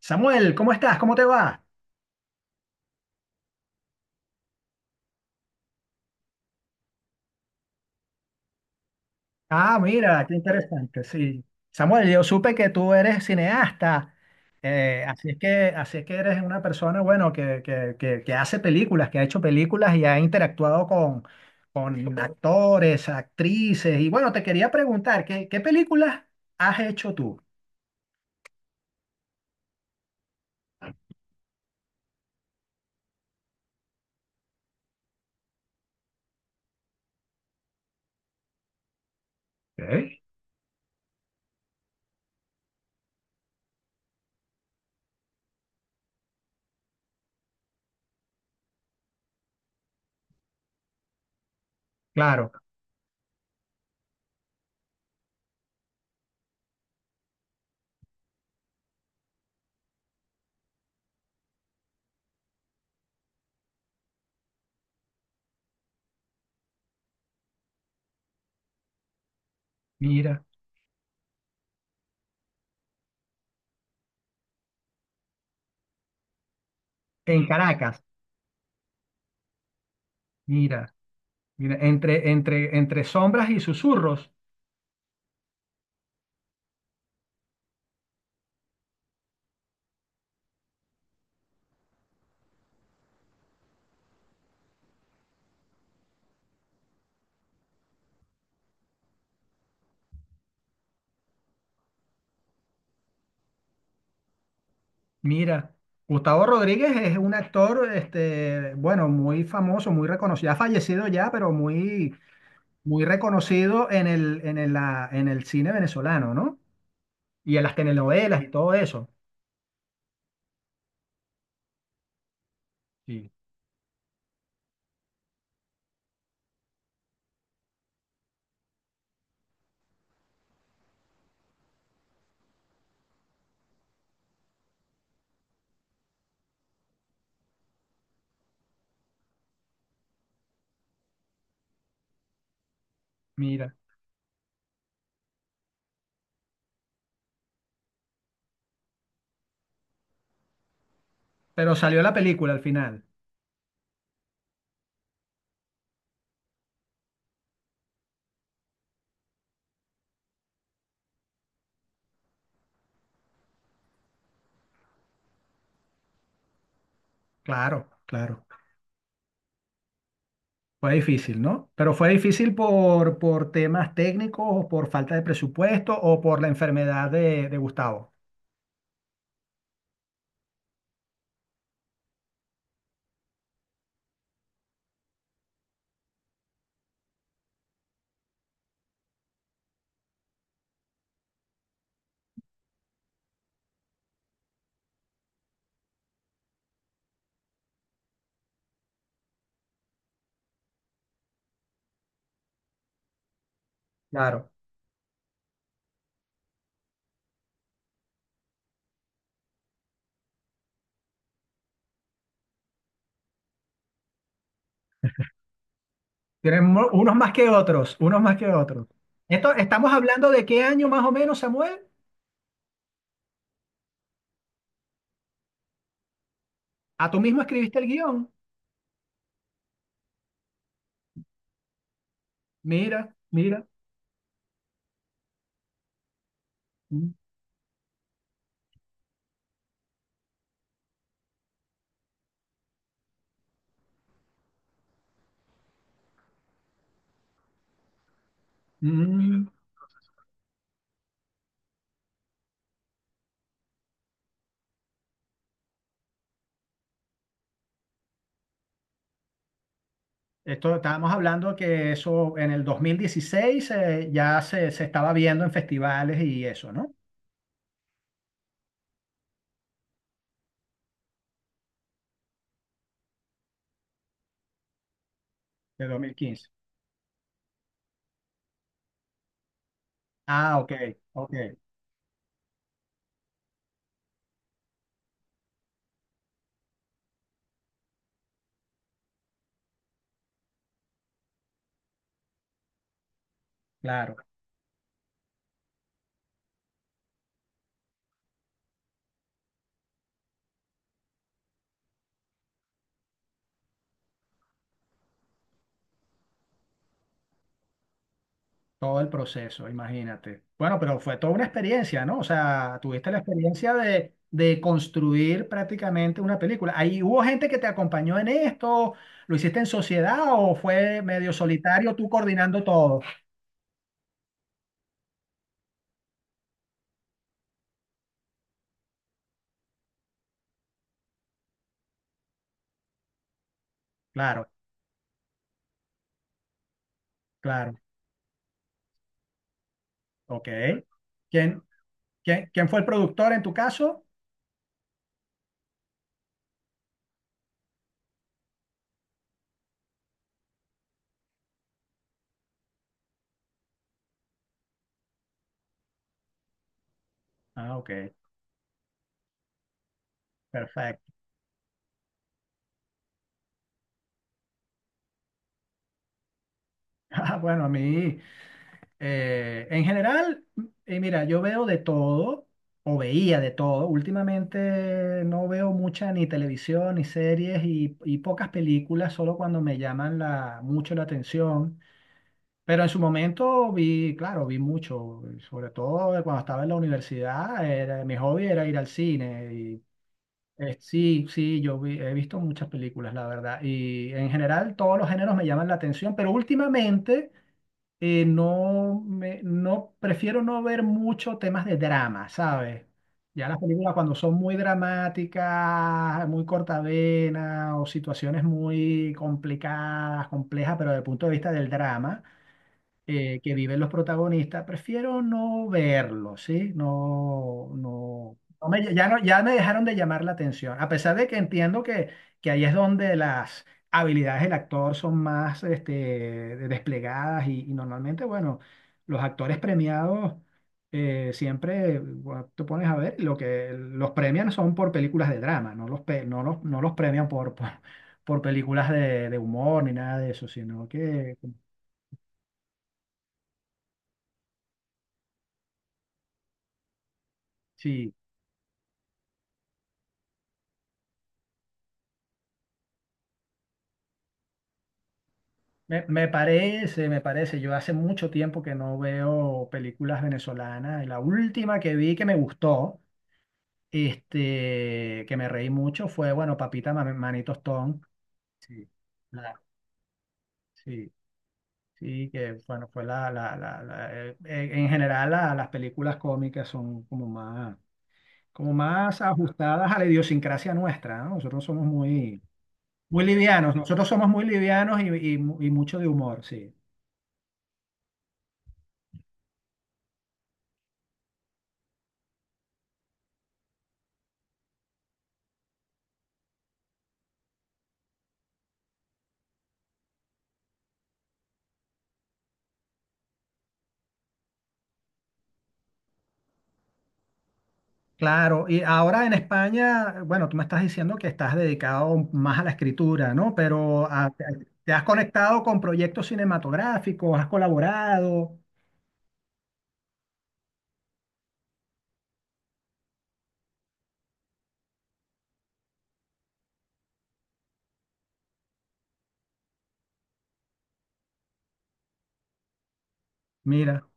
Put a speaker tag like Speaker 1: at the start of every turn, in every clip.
Speaker 1: Samuel, ¿cómo estás? ¿Cómo te va? Ah, mira, qué interesante, sí. Samuel, yo supe que tú eres cineasta, así es que eres una persona, bueno, que hace películas, que ha hecho películas y ha interactuado con actores, actrices. Y bueno, te quería preguntar, ¿qué películas has hecho tú? Ok. Claro, mira, en Caracas. Mira, mira, entre sombras y susurros. Mira, Gustavo Rodríguez es un actor, este, bueno, muy famoso, muy reconocido, ha fallecido ya, pero muy, muy reconocido en el cine venezolano, ¿no? Y en las telenovelas y todo eso. Sí. Mira, pero salió la película al final. Claro, claro. Fue difícil, ¿no? Pero fue difícil por temas técnicos o por falta de presupuesto o por la enfermedad de Gustavo. Claro. Tienen mo- unos más que otros, unos más que otros. Esto, estamos hablando de qué año más o menos, Samuel. ¿A tú mismo escribiste el guión? Mira, mira. Mm. Mm. Esto estábamos hablando que eso en el 2016 ya se estaba viendo en festivales y eso, ¿no? De 2015. Ah, ok, ok, claro. Todo el proceso, imagínate. Bueno, pero fue toda una experiencia, ¿no? O sea, tuviste la experiencia de construir prácticamente una película. ¿Ahí hubo gente que te acompañó en esto? ¿Lo hiciste en sociedad o fue medio solitario tú coordinando todo? Claro, claro. Ok. ¿Quién, quién fue el productor en tu caso? Ah, ok. Perfecto. Ah, bueno, a mí. En general, mira, yo veo de todo, o veía de todo. Últimamente no veo mucha ni televisión, ni series y pocas películas, solo cuando me llaman la, mucho la atención. Pero en su momento vi, claro, vi mucho, sobre todo de cuando estaba en la universidad, era, mi hobby era ir al cine. Y, sí, sí, yo vi- he visto muchas películas, la verdad. Y en general todos los géneros me llaman la atención, pero últimamente no, me, no, prefiero no ver mucho temas de drama, ¿sabes? Ya las películas cuando son muy dramáticas, muy cortavenas o situaciones muy complicadas, complejas, pero desde el punto de vista del drama que viven los protagonistas, prefiero no verlo, ¿sí? No, no, no me, ya, no, ya me dejaron de llamar la atención, a pesar de que entiendo que ahí es donde las habilidades del actor son más este, de- desplegadas y normalmente, bueno, los actores premiados siempre bueno, te pones a ver, lo que los premian son por películas de drama, no los, pe- no los, no los premian por películas de humor ni nada de eso, sino que... Sí. Me parece, me parece. Yo hace mucho tiempo que no veo películas venezolanas. Y la última que vi que me gustó, este, que me reí mucho, fue, bueno, Papita Ma- Manito Stone. Sí. La- sí, sí, que bueno, fue en general la- las películas cómicas son como más ajustadas a la idiosincrasia nuestra, ¿no? Nosotros somos muy, muy livianos, nosotros somos muy livianos y, mu- y mucho de humor, sí. Claro, y ahora en España, bueno, tú me estás diciendo que estás dedicado más a la escritura, ¿no? Pero a- te te has conectado con proyectos cinematográficos, has colaborado. Mira,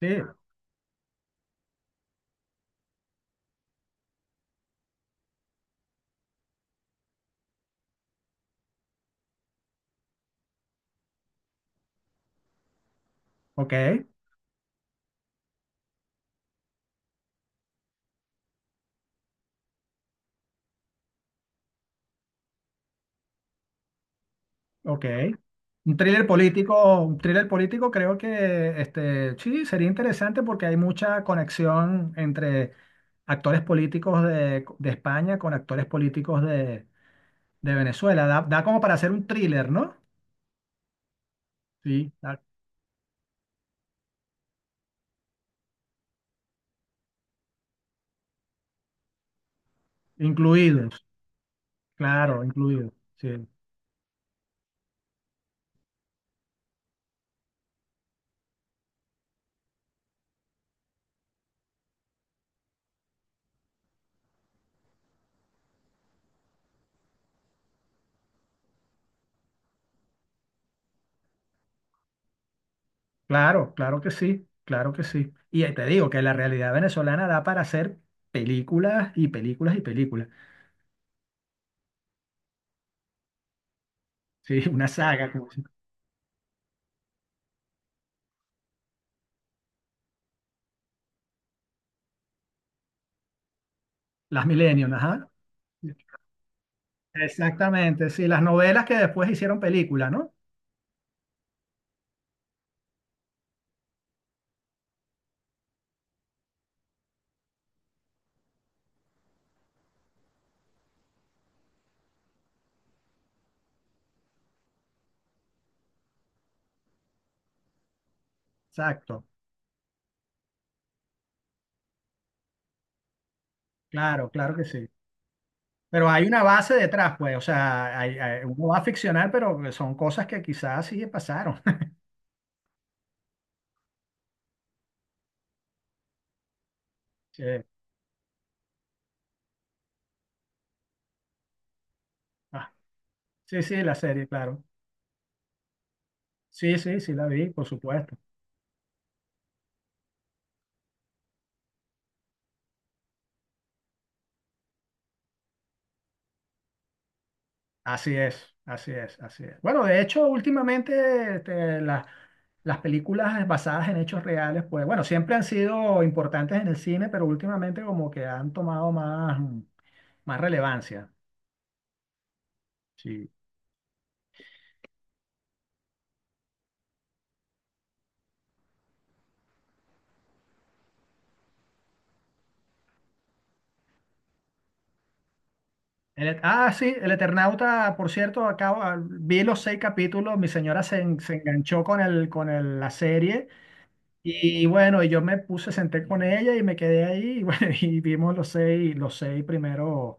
Speaker 1: sí, ok, ok. Un thriller político creo que este, sí, sería interesante porque hay mucha conexión entre actores políticos de España con actores políticos de Venezuela. Da, da como para hacer un thriller, ¿no? Sí, da- incluidos. Claro, incluido. Sí. Claro, claro que sí, claro que sí. Y ahí te digo que la realidad venezolana da para hacer películas y películas y películas. Sí, una saga, como se- las Millennium, ajá. Exactamente, sí, las novelas que después hicieron película, ¿no? Exacto, claro, claro que sí. Pero hay una base detrás, pues, o sea, hay- hay- uno va a ficcionar, pero son cosas que quizás sí pasaron. Sí. Ah, sí, sí, la serie, claro. Sí, sí, sí, la vi, por supuesto. Así es, así es, así es. Bueno, de hecho, últimamente este, las películas basadas en hechos reales, pues bueno, siempre han sido importantes en el cine, pero últimamente como que han tomado más, más relevancia. Sí. El et- ah, sí, El Eternauta, por cierto, acabo, ah, vi los 6 capítulos, mi señora se, en- se enganchó con el- la serie. Y bueno, y yo me puse, senté con ella y me quedé ahí y, bueno, y vimos los seis, los seis primeros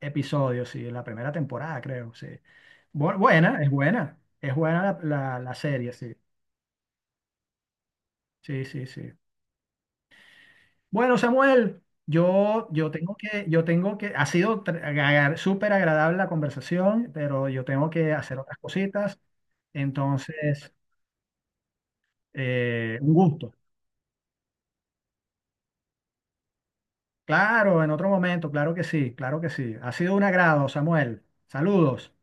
Speaker 1: episodios, sí, de la primera temporada, creo, sí. Bu- buena, es buena, es buena la, la- la serie, sí, sí, sí, sí. Bueno, Samuel, yo, yo tengo que, ha sido tr- agar- súper agradable la conversación, pero yo tengo que hacer otras cositas, entonces, un gusto. Claro, en otro momento, claro que sí, claro que sí. Ha sido un agrado, Samuel. Saludos.